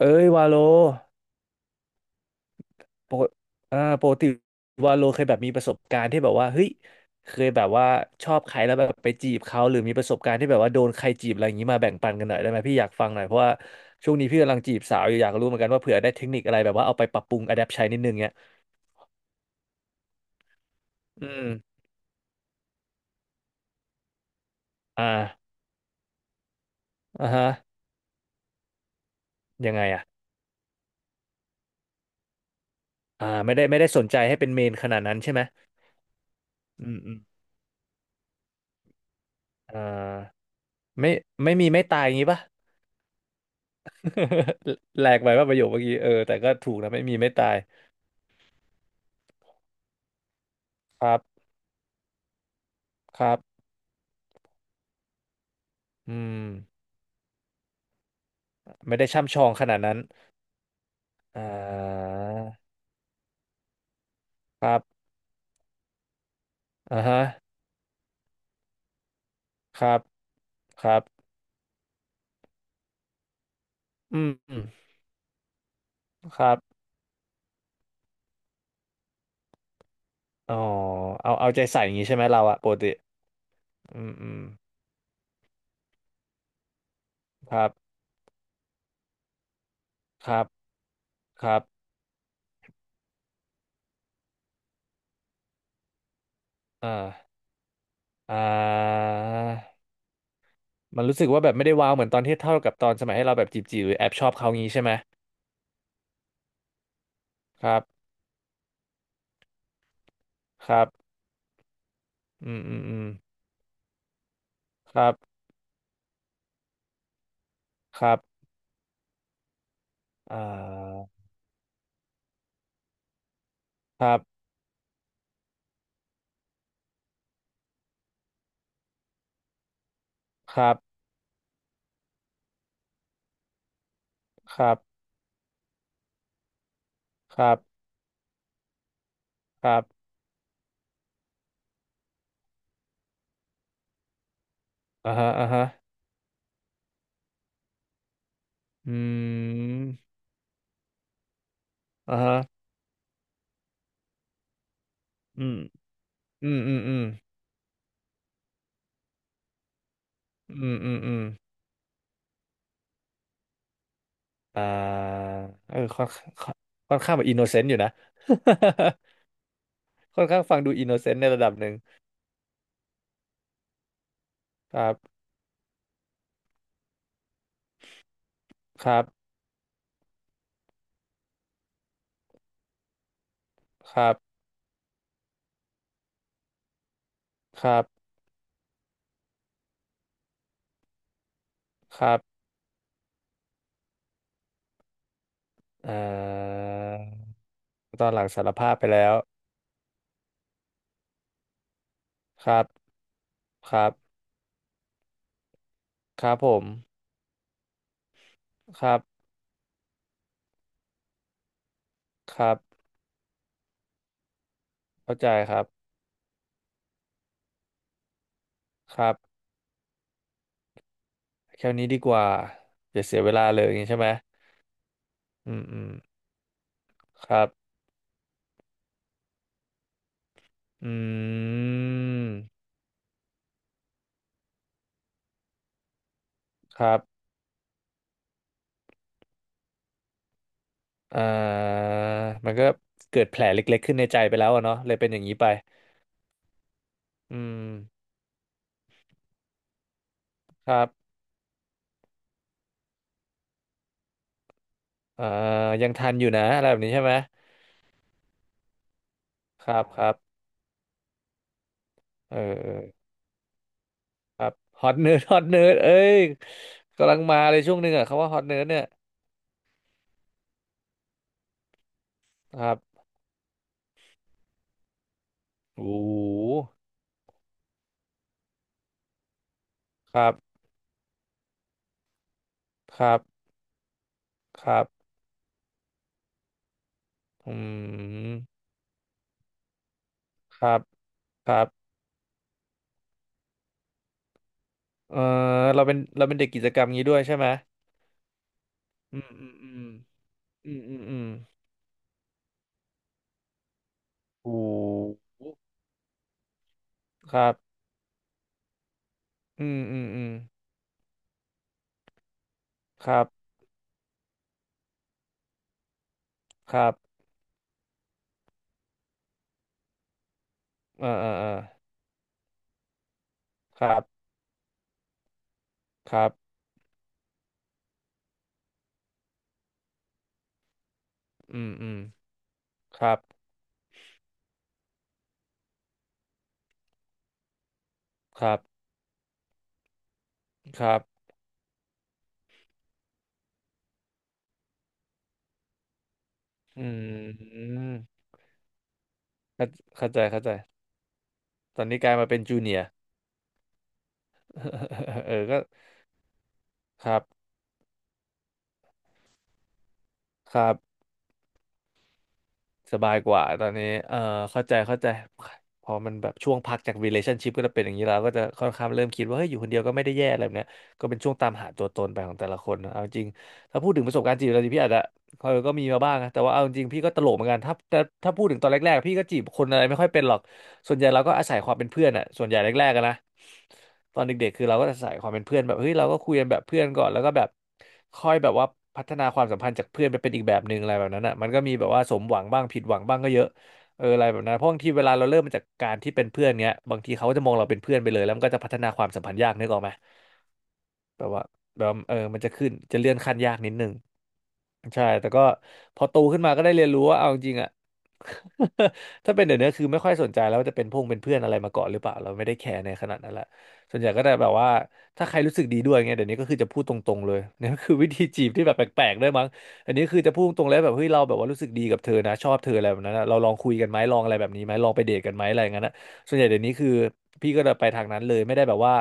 เอ้ยวาโลปกปกติวาโลเคยแบบมีประสบการณ์ที่แบบว่าเฮ้ยเคยแบบว่าชอบใครแล้วแบบไปจีบเขาหรือมีประสบการณ์ที่แบบว่าโดนใครจีบอะไรอย่างนี้มาแบ่งปันกันหน่อยได้ไหมพี่อยากฟังหน่อยเพราะว่าช่วงนี้พี่กำลังจีบสาวอยู่อยากรู้เหมือนกันว่าเผื่อได้เทคนิคอะไรแบบว่าเอาไปปรับปรุงอะแดปใช้นิดนึงเนี้ยอืมอ่าอ่าฮะยังไงอ่ะไม่ได้ไม่ได้สนใจให้เป็นเมนขนาดนั้นใช่ไหมอืมอืมอ่าไม่ไม่มีไม่ตายอย่างนี้ปะ แหลกไปว่าประโยคเมื่อกี้เออแต่ก็ถูกนะไม่มีไม่ตายครับ ครับอืมไม่ได้ช่ำชองขนาดนั้นอ่าครับอ่าฮะครับครับอืมครับอ๋อเอาเอาใจใส่อย่างนี้ใช่ไหมเราอะปกติอืมอืมครับครับครับอ่าอ่ามันรู้สึกว่าแบบไม่ได้ว้าวเหมือนตอนที่เท่ากับตอนสมัยให้เราแบบจีบจีหรือแอบชอบเขางี้ใช่ไหมครับครับอืมอืมอืมครับครับอ่าครับครับครับครับครับอ่าฮะอ่าฮะ อืมอ่าฮะอืมอืมอืมอืมอืมอืมอืมอ่าเออค่อนค่อนข้างแบบอินโนเซนต์อยู่นะ ค่อนข้างฟังดูอินโนเซนต์ในระดับหนึ่งครับครับครับครับครับอ่าตอนหลังสารภาพไปแล้วครับครับครับผมครับครับเข้าใจครับครับแค่นี้ดีกว่าอย่าเสียเวลาเลยอย่างนี้ใช่ไหมอืมอืมครับอืม ครับอ่ามันก็เกิดแผลเล็กๆขึ้นในใจไปแล้วอะเนาะเลยเป็นอย่างนี้ไปอืมครับอ่ายังทันอยู่นะอะไรแบบนี้ใช่ไหมครับครับเออเออครับฮอตเนิร์ดฮอตเนิร์ดเอ้ยกำลังมาเลยช่วงหนึ่งอ่ะคำว่าฮอตเนิร์ดเนี่ยครับโอ้โหครับครับครับอืมครับครับเออเราเป็นเราเป็นเด็กกิจกรรมงี้ด้วยใช่ไหมอืมอืมอืมอืมอืมอืมโอ้โหครับ อืมอืมอืมครับครับเอ่อเอ่อเอ่อครับครับอืมอืมครับครับครับอืมเข้าเข้าใจเข้าใจตอนนี้กลายมาเป็นจู เนียร์ เออก็ครับครับ สบายกว่าตอนนี้เออเข้าใจเข้าใจพอมันแบบช่วงพักจาก relationship ก็จะเป็นอย่างนี้แล้วก็จะค่อนข้างเริ่มคิดว่าเฮ้ยอยู่คนเดียวก็ไม่ได้แย่อะไรแบบเนี้ยก็เป็นช่วงตามหาตัวตนไปของแต่ละคนนะเอาจริง ถ้าพูดถึงประสบการณ์จีบเราจริงพี่อาจจะเออก็มีมาบ้างนะแต่ว่าเอาจริงพี่ก็ตลกเหมือนกันถ้าพูดถึงตอนแรกๆพี่ก็จีบคนอะไรไม่ค่อยเป็นหรอก ส่วนใหญ่เราก็อาศัยความเป็นเพื่อนอะส่วนใหญ่แรกๆอะนะตอนเด็กๆคือเราก็อาศัยความเป็นเพื่อนแบบเฮ้ยเราก็คุยกันแบบเพื่อนก่อนแล้วก็แบบค่อยแบบว่าพัฒนาความสัมพันธ์จากเพื่อนไปเป็นอีกแบบหนึ่งอะไรแบบนั้นอะมันก็มีแบบว่าสมหวังบ้างผิดหวังบ้างก็เยอะเอออะไรแบบนั้นเพราะบางทีเวลาเราเริ่มมาจากการที่เป็นเพื่อนเงี้ยบางทีเขาก็จะมองเราเป็นเพื่อนไปเลยแล้วมันก็จะพัฒนาความสัมพันธ์ยากนึกออกไหมแบบว่าแบบว่าเออมันจะขึ้นจะเลื่อนขั้นยากนิดนึงใช่แต่ก็พอโตขึ้นมาก็ได้เรียนรู้ว่าเอาจริงๆอ่ะ ถ้าเป็นเดี๋ยวนี้คือไม่ค่อยสนใจแล้วว่าจะเป็นพงเป็นเพื่อนอะไรมาก่อนหรือเปล่าเราไม่ได้แคร์ในขนาดนั้นละส่วนใหญ่ก็ได้แบบว่าถ้าใครรู้สึกดีด้วยเงี้ยเดี๋ยวนี้ก็คือจะพูดตรงๆเลย เนี่ยก็คือวิธีจีบที่แบบแปลกๆด้วยมั้งอันนี้คือจะพูดตรงๆเลยแบบเฮ้ยเราแบบว่ารู้สึกดีกับเธอนะชอบเธออะไรแบบนั้นนะเราลองคุยกันไหมลองอะไรแบบนี้ไหมลองไปเดทกันไหมอะไรอย่างนั้นนะส่วนใหญ่เดี๋ยวนี้คือพี่ก็จะไปทางนั้นเลยไม่ได้แบบว่า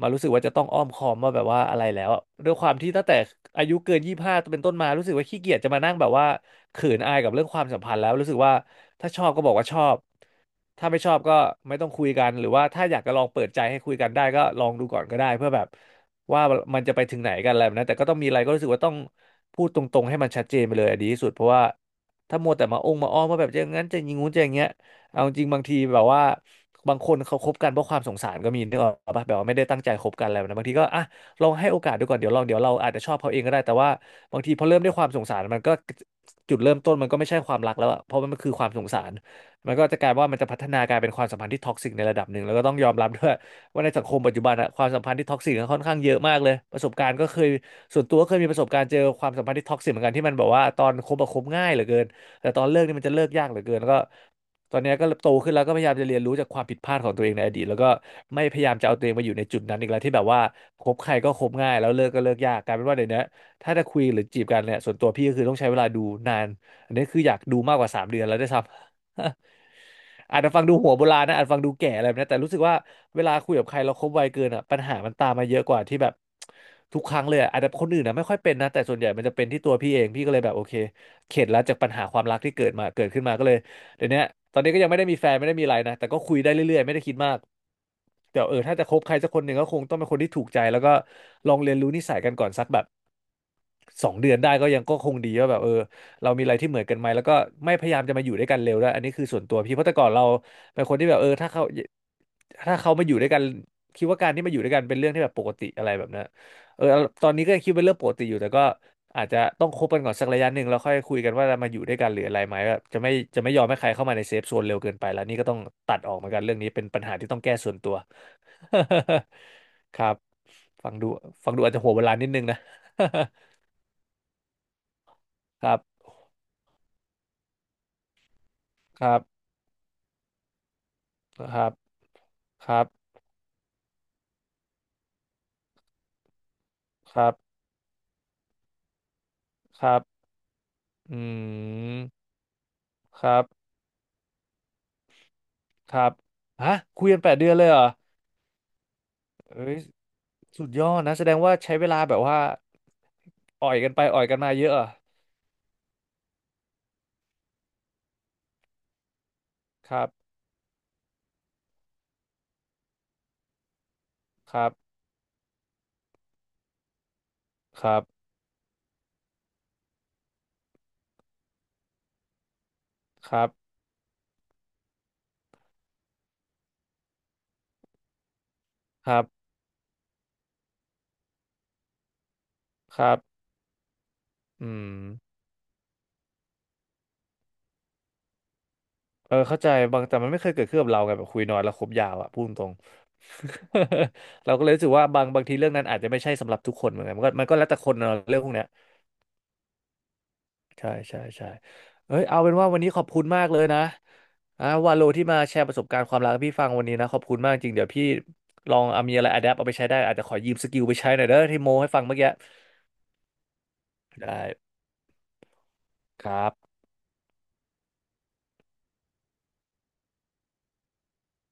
มารู้สึกว่าจะต้องอ้อมค้อมว่าแบบว่าอะไรแล้วอะด้วยความที่ตั้งแต่อายุเกิน25เป็นต้นมารู้สึกว่าขี้เกียจจะมานั่งแบบว่า เขืนอายกับเรื่องความสัมพันธ์แล้วรู้สึกว่าถ้าชอบก็บอกว่าชอบถ้าไม่ชอบก็ไม่ต้องคุยกันหรือว่าถ้าอยากจะลองเปิดใจให้คุยกันได้ก็ลองดูก่อนก็ได้เพื่อแบบว่ามันจะไปถึงไหนกันอะไรแบบนั้นแต่ก็ต้องมีอะไรก็รู้สึกว่าต้องพูดตรงๆให้มันชัดเจนไปเลยอะดีที่สุดเพราะว่าถ้ามัวแต่มาองมาอ้อมว่าแบบจะอย่างนั้นจะอย่างงู้นจะอย่างเงี้ยเอาจริงบางทีแบบว่าบางคนเขาคบกันเพราะความสงสารก็มีนึกออกปะแบบว่าไม่ได้ตั้งใจคบกันอะไรแบบนะบางทีก็อ่ะลองให้โอกาสดูก่อนเดี๋ยวลองเดี๋ยวเราอาจจะชอบเขาเองก็ได้แต่ว่าบางทีพอเริ่มด้วยความสงสารมันก็ จุดเริ่มต้นมันก็ไม่ใช่ความรักแล้วอะเพราะมันคือความสงสารมันก็จะกลายว่ามันจะพัฒนากลายเป็นความสัมพันธ์ที่ท็อกซิกในระดับหนึ่งแล้วก็ต้องยอมรับด้วยว่าในสังคมปัจจุบันอะความสัมพันธ์ที่ท็อกซิกค่อนข้างเยอะมากเลยประสบการณ์ก็เคยส่วนตัวก็เคยมีประสบการณ์เจอความสัมพันธ์ที่ท็อกซิกเหมือนกันที่มันแบบว่าตอนคบอะคบง่ายเหลือเกินแต่ตอนเลิกนี่มันจะเลิกยากเหลือเกินแล้วก็ตอนเนี้ยก็โตขึ้นแล้วก็พยายามจะเรียนรู้จากความผิดพลาดของตัวเองในอดีตแล้วก็ไม่พยายามจะเอาตัวเองมาอยู่ในจุดนั้นอีกแล้วที่แบบว่าคบใครก็คบง่ายแล้วเลิกก็เลิกยากกลายเป็นว่าเดี๋ยวนี้ ถ้าจะคุยหรือจีบกันเนี่ยส่วนตัวพี่ก็คือต้องใช้เวลาดูนานอันนี้คืออยากดูมากกว่า3 เดือนแล้วได้วยซ้ำ อาจจะฟังดูหัวโบราณนะอาจฟังดูแก่อะไรแบบนี้แต่รู้สึกว่าเวลาคุยกับใครเราคบไวเกินอ่ะปัญหามันตามมาเยอะกว่าที่แบบทุกครั้งเลยอะอาจจะคนอื่นนะไม่ค่อยเป็นนะแต่ส่วนใหญ่มันจะเป็นที่ตัวพี่เองพี่ก็เลยแบบโอเคเข็ดแล้วจากปัญหาความรักที่เกิดมาเกิดขึ้นมาก็เลยเดี๋ยวนี้ตอนนี้ก็ยังไม่ได้มีแฟนไม่ได้มีอะไรนะแต่ก็คุยได้เรื่อยๆไม่ได้คิดมากแต่เออถ้าจะคบใครสักคนหนึ่งก็คงต้องเป็นคนที่ถูกใจแล้วก็ลองเรียนรู้นิสัยกันก่อนสักแบบ 2 เดือนได้ก็ยังก็คงดีว่าแบบเออเรามีอะไรที่เหมือนกันไหมแล้วก็ไม่พยายามจะมาอยู่ด้วยกันเร็วด้วยอันนี้คือส่วนตัวพี่เพราะแต่ก่อนเราเป็นคนที่แบบเออถ้าเขามาอยู่ด้วยกันคิดว่าการที่มาอยู่ด้วยกันเป็นเรื่องที่แบบปกติอะไรแบบนั้นเออตอนนี้ก็ยังคิดเป็นเรื่องปกติอยู่แต่ก็อาจจะต้องคบกันก่อนสักระยะหนึ่งแล้วค่อยคุยกันว่าจะมาอยู่ด้วยกันหรืออะไรไหมแบบจะไม่ยอมให้ใครเข้ามาในเซฟโซนเร็วเกินไปแล้วนี่ก็ต้องตัดออกเหมือนกันเรื่องนี้เป็นปัญหาที่ต้องแก้ส่วนตัว ครับฟังดูอาจจะหัวโบราณนิดนึงนะ ครับ ครับ ครับ ครับ ครับ ครับ อืม ครับ ครับฮะคุยกัน8 เดือนเลยเหรอเอ้ยสุดยอดนะ แสดงว่าใช้เวลาแบบว่าอ่อยกันไปอ่อยกันมาเยอะเหรอครับ ครับ ครับ ครับ ครับครับอืมเออเข้าใจบางแต่มันไม่เคยเกิดขึ้นกับเราไงแบบคุยน้อยแล้วคบยาวอะพูดตรง เราก็เลยรู้สึกว่าบางทีเรื่องนั้นอาจจะไม่ใช่สำหรับทุกคนเหมือนกันมันก็แล้วแต่คนเนอะเรื่องพวกเนี้ย ใช่ใช่ใช่เอ้ยเอาเป็นว่าวันนี้ขอบคุณมากเลยนะอ่าวาโลที่มาแชร์ประสบการณ์ความรักให้พี่ฟังวันนี้นะขอบคุณมากจริงเดี๋ยวพี่ลองเอามีอะไรอะแดปเอาไปใช้ได้อาจจะขอยืมสกิลไปใช้หน่อยเด้อที่โมให้ฟังเมื่อกี้ได้ครับ